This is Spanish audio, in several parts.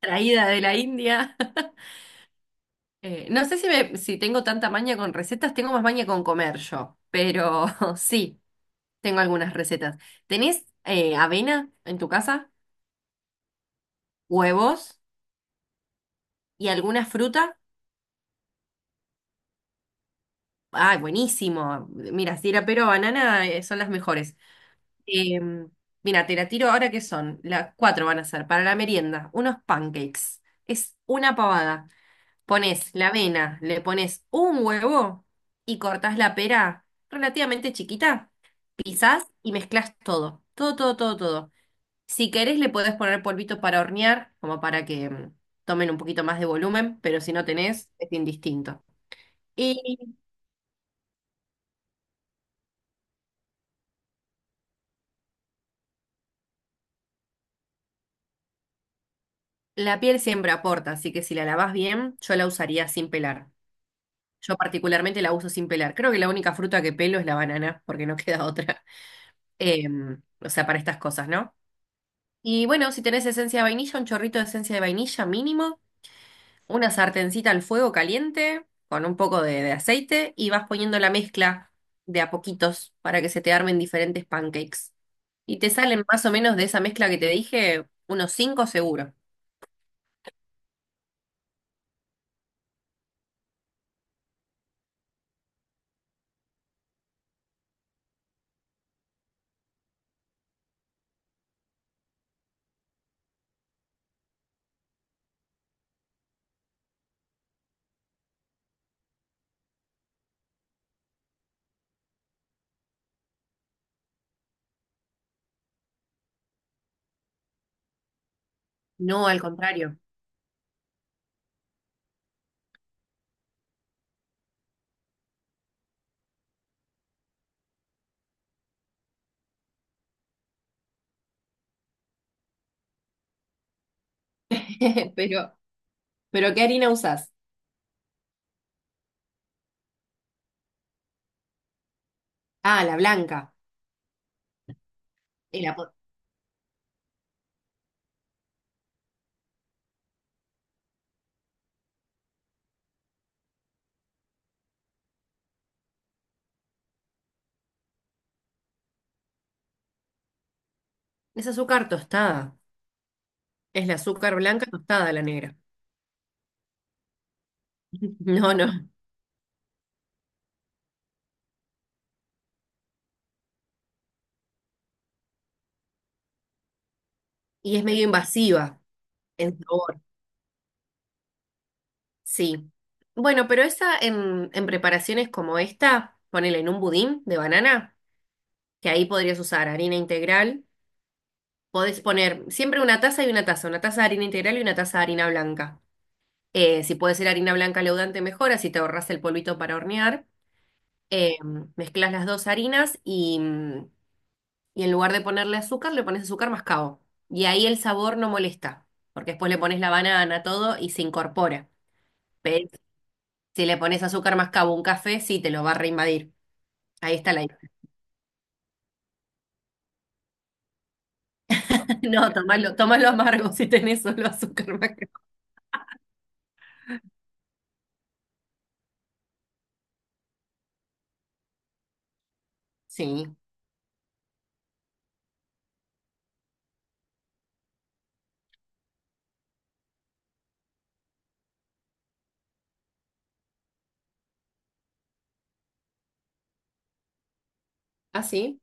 Traída de la India. No sé si tengo tanta maña con recetas, tengo más maña con comer yo, pero sí, tengo algunas recetas. ¿Tenés avena en tu casa? ¿Huevos? ¿Y alguna fruta? ¡Ay, buenísimo! Mira, si era pero banana son las mejores. Em, Mira, te la tiro ahora que son. Las cuatro van a ser para la merienda. Unos pancakes. Es una pavada. Pones la avena, le pones un huevo y cortás la pera relativamente chiquita. Pisás y mezclas todo, todo, todo, todo, todo. Si querés le podés poner polvito para hornear, como para que tomen un poquito más de volumen, pero si no tenés, es indistinto. Y la piel siempre aporta, así que si la lavás bien, yo la usaría sin pelar. Yo particularmente la uso sin pelar. Creo que la única fruta que pelo es la banana, porque no queda otra. O sea, para estas cosas, ¿no? Y bueno, si tenés esencia de vainilla, un chorrito de esencia de vainilla mínimo, una sartencita al fuego caliente con un poco de aceite y vas poniendo la mezcla de a poquitos para que se te armen diferentes pancakes. Y te salen más o menos de esa mezcla que te dije, unos cinco seguro. No, al contrario. Pero, pero ¿qué harina usás? Ah, la blanca. El apo- Es azúcar tostada. Es la azúcar blanca tostada, la negra. No, no. Y es medio invasiva en sabor. Sí. Bueno, pero esa en preparaciones como esta, ponele en un budín de banana, que ahí podrías usar harina integral. Podés poner siempre una taza y una taza de harina integral y una taza de harina blanca. Si puede ser harina blanca leudante, mejor, así te ahorras el polvito para hornear. Eh, Mezclas las dos harinas y y en lugar de ponerle azúcar, le pones azúcar mascabo. Y ahí el sabor no molesta, porque después le pones la banana, todo y se incorpora. Si le pones azúcar mascabo a un café, sí, te lo va a reinvadir. Ahí está la idea. No, tomalo, tomalo amargo si tenés solo azúcar mascabo. Sí. ¿Ah, sí?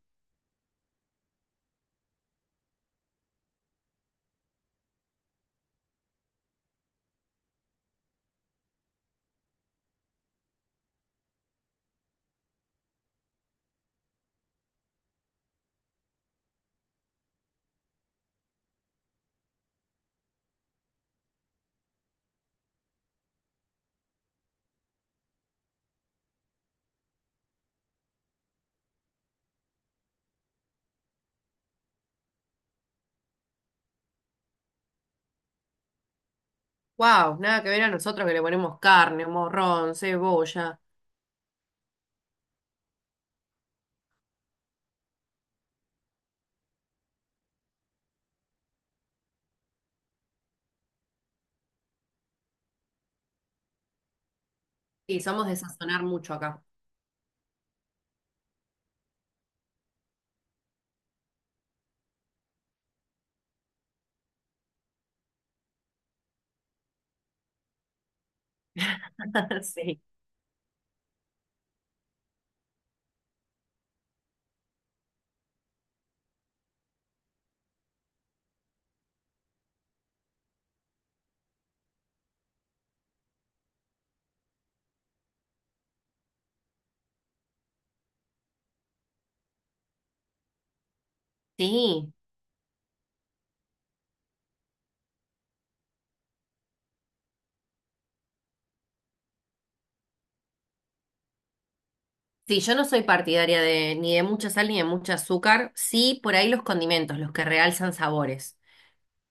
Wow, nada que ver a nosotros que le ponemos carne, morrón, cebolla. Sí, somos de sazonar mucho acá. Sí. Sí. Sí, yo no soy partidaria de ni de mucha sal ni de mucho azúcar. Sí, por ahí los condimentos, los que realzan sabores.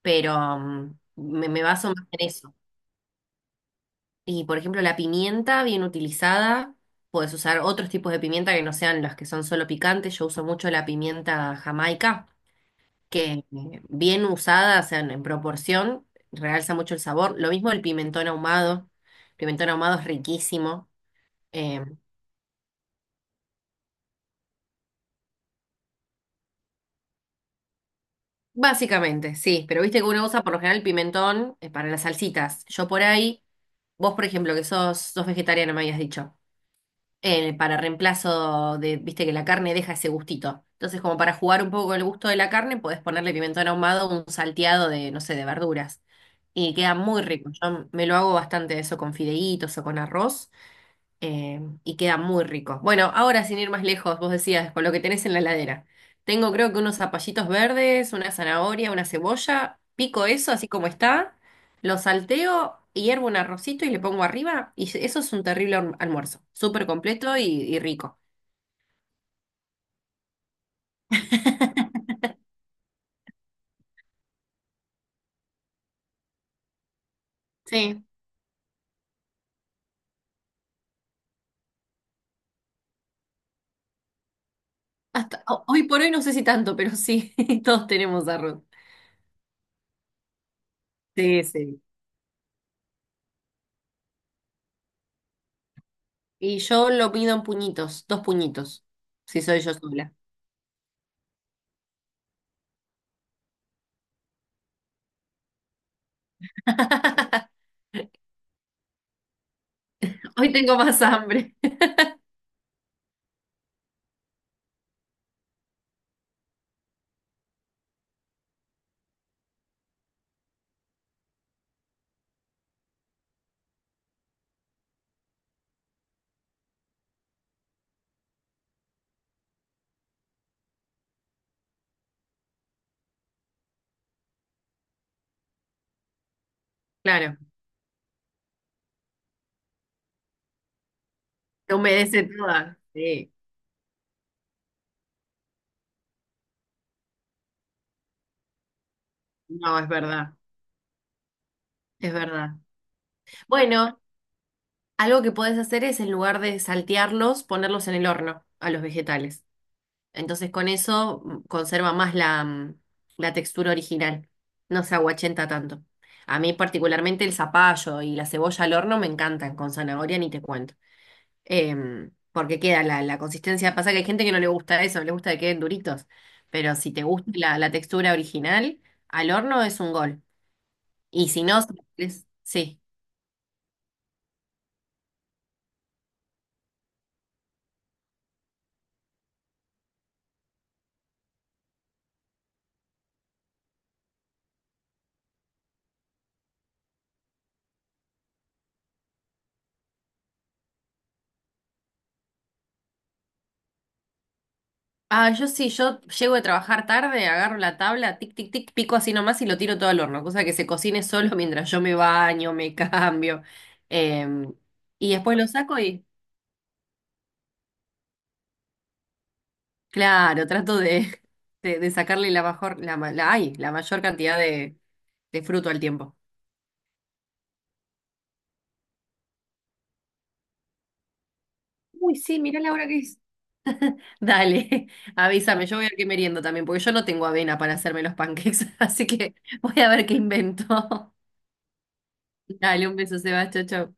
Pero me baso más en eso. Y por ejemplo, la pimienta bien utilizada, puedes usar otros tipos de pimienta que no sean las que son solo picantes. Yo uso mucho la pimienta jamaica, que bien usada, o sea, en proporción, realza mucho el sabor. Lo mismo el pimentón ahumado. El pimentón ahumado es riquísimo. Eh, Básicamente, sí, pero viste que uno usa por lo general el pimentón para las salsitas. Yo por ahí, vos por ejemplo, que sos, sos vegetariana, me habías dicho. Para reemplazo de, viste que la carne deja ese gustito. Entonces, como para jugar un poco con el gusto de la carne, podés ponerle pimentón ahumado un salteado de, no sé, de verduras. Y queda muy rico. Yo me lo hago bastante eso con fideitos o con arroz y queda muy rico. Bueno, ahora sin ir más lejos, vos decías, con lo que tenés en la heladera. Tengo creo que unos zapallitos verdes, una zanahoria, una cebolla, pico eso así como está, lo salteo, y hiervo un arrocito y le pongo arriba y eso es un terrible almuerzo, súper completo y rico. Sí, hasta hoy por hoy no sé si tanto, pero sí, todos tenemos arroz. Sí, sí. Y yo lo pido en puñitos, dos puñitos, si soy yo sola. Hoy tengo más hambre. Claro, te humedece toda. Sí, no, es verdad, es verdad. Bueno, algo que podés hacer es en lugar de saltearlos, ponerlos en el horno a los vegetales. Entonces con eso conserva más la textura original, no se aguachenta tanto. A mí particularmente el zapallo y la cebolla al horno me encantan, con zanahoria ni te cuento. Porque queda la consistencia, pasa que hay gente que no le gusta eso, le gusta que queden duritos, pero si te gusta la textura original, al horno es un gol. Y si no, si querés- sí. Ah, yo sí, yo llego de trabajar tarde, agarro la tabla, tic, tic, tic, pico así nomás y lo tiro todo al horno, cosa que se cocine solo mientras yo me baño, me cambio. Em, y después lo saco y, claro, trato de sacarle la mejor, la, ma- la, ay, la mayor cantidad de fruto al tiempo. Uy, sí, mirá la hora que es. Dale, avísame, yo voy a ver qué meriendo también, porque yo no tengo avena para hacerme los pancakes, así que voy a ver qué invento. Dale, un beso, Sebastián, chao. Chao.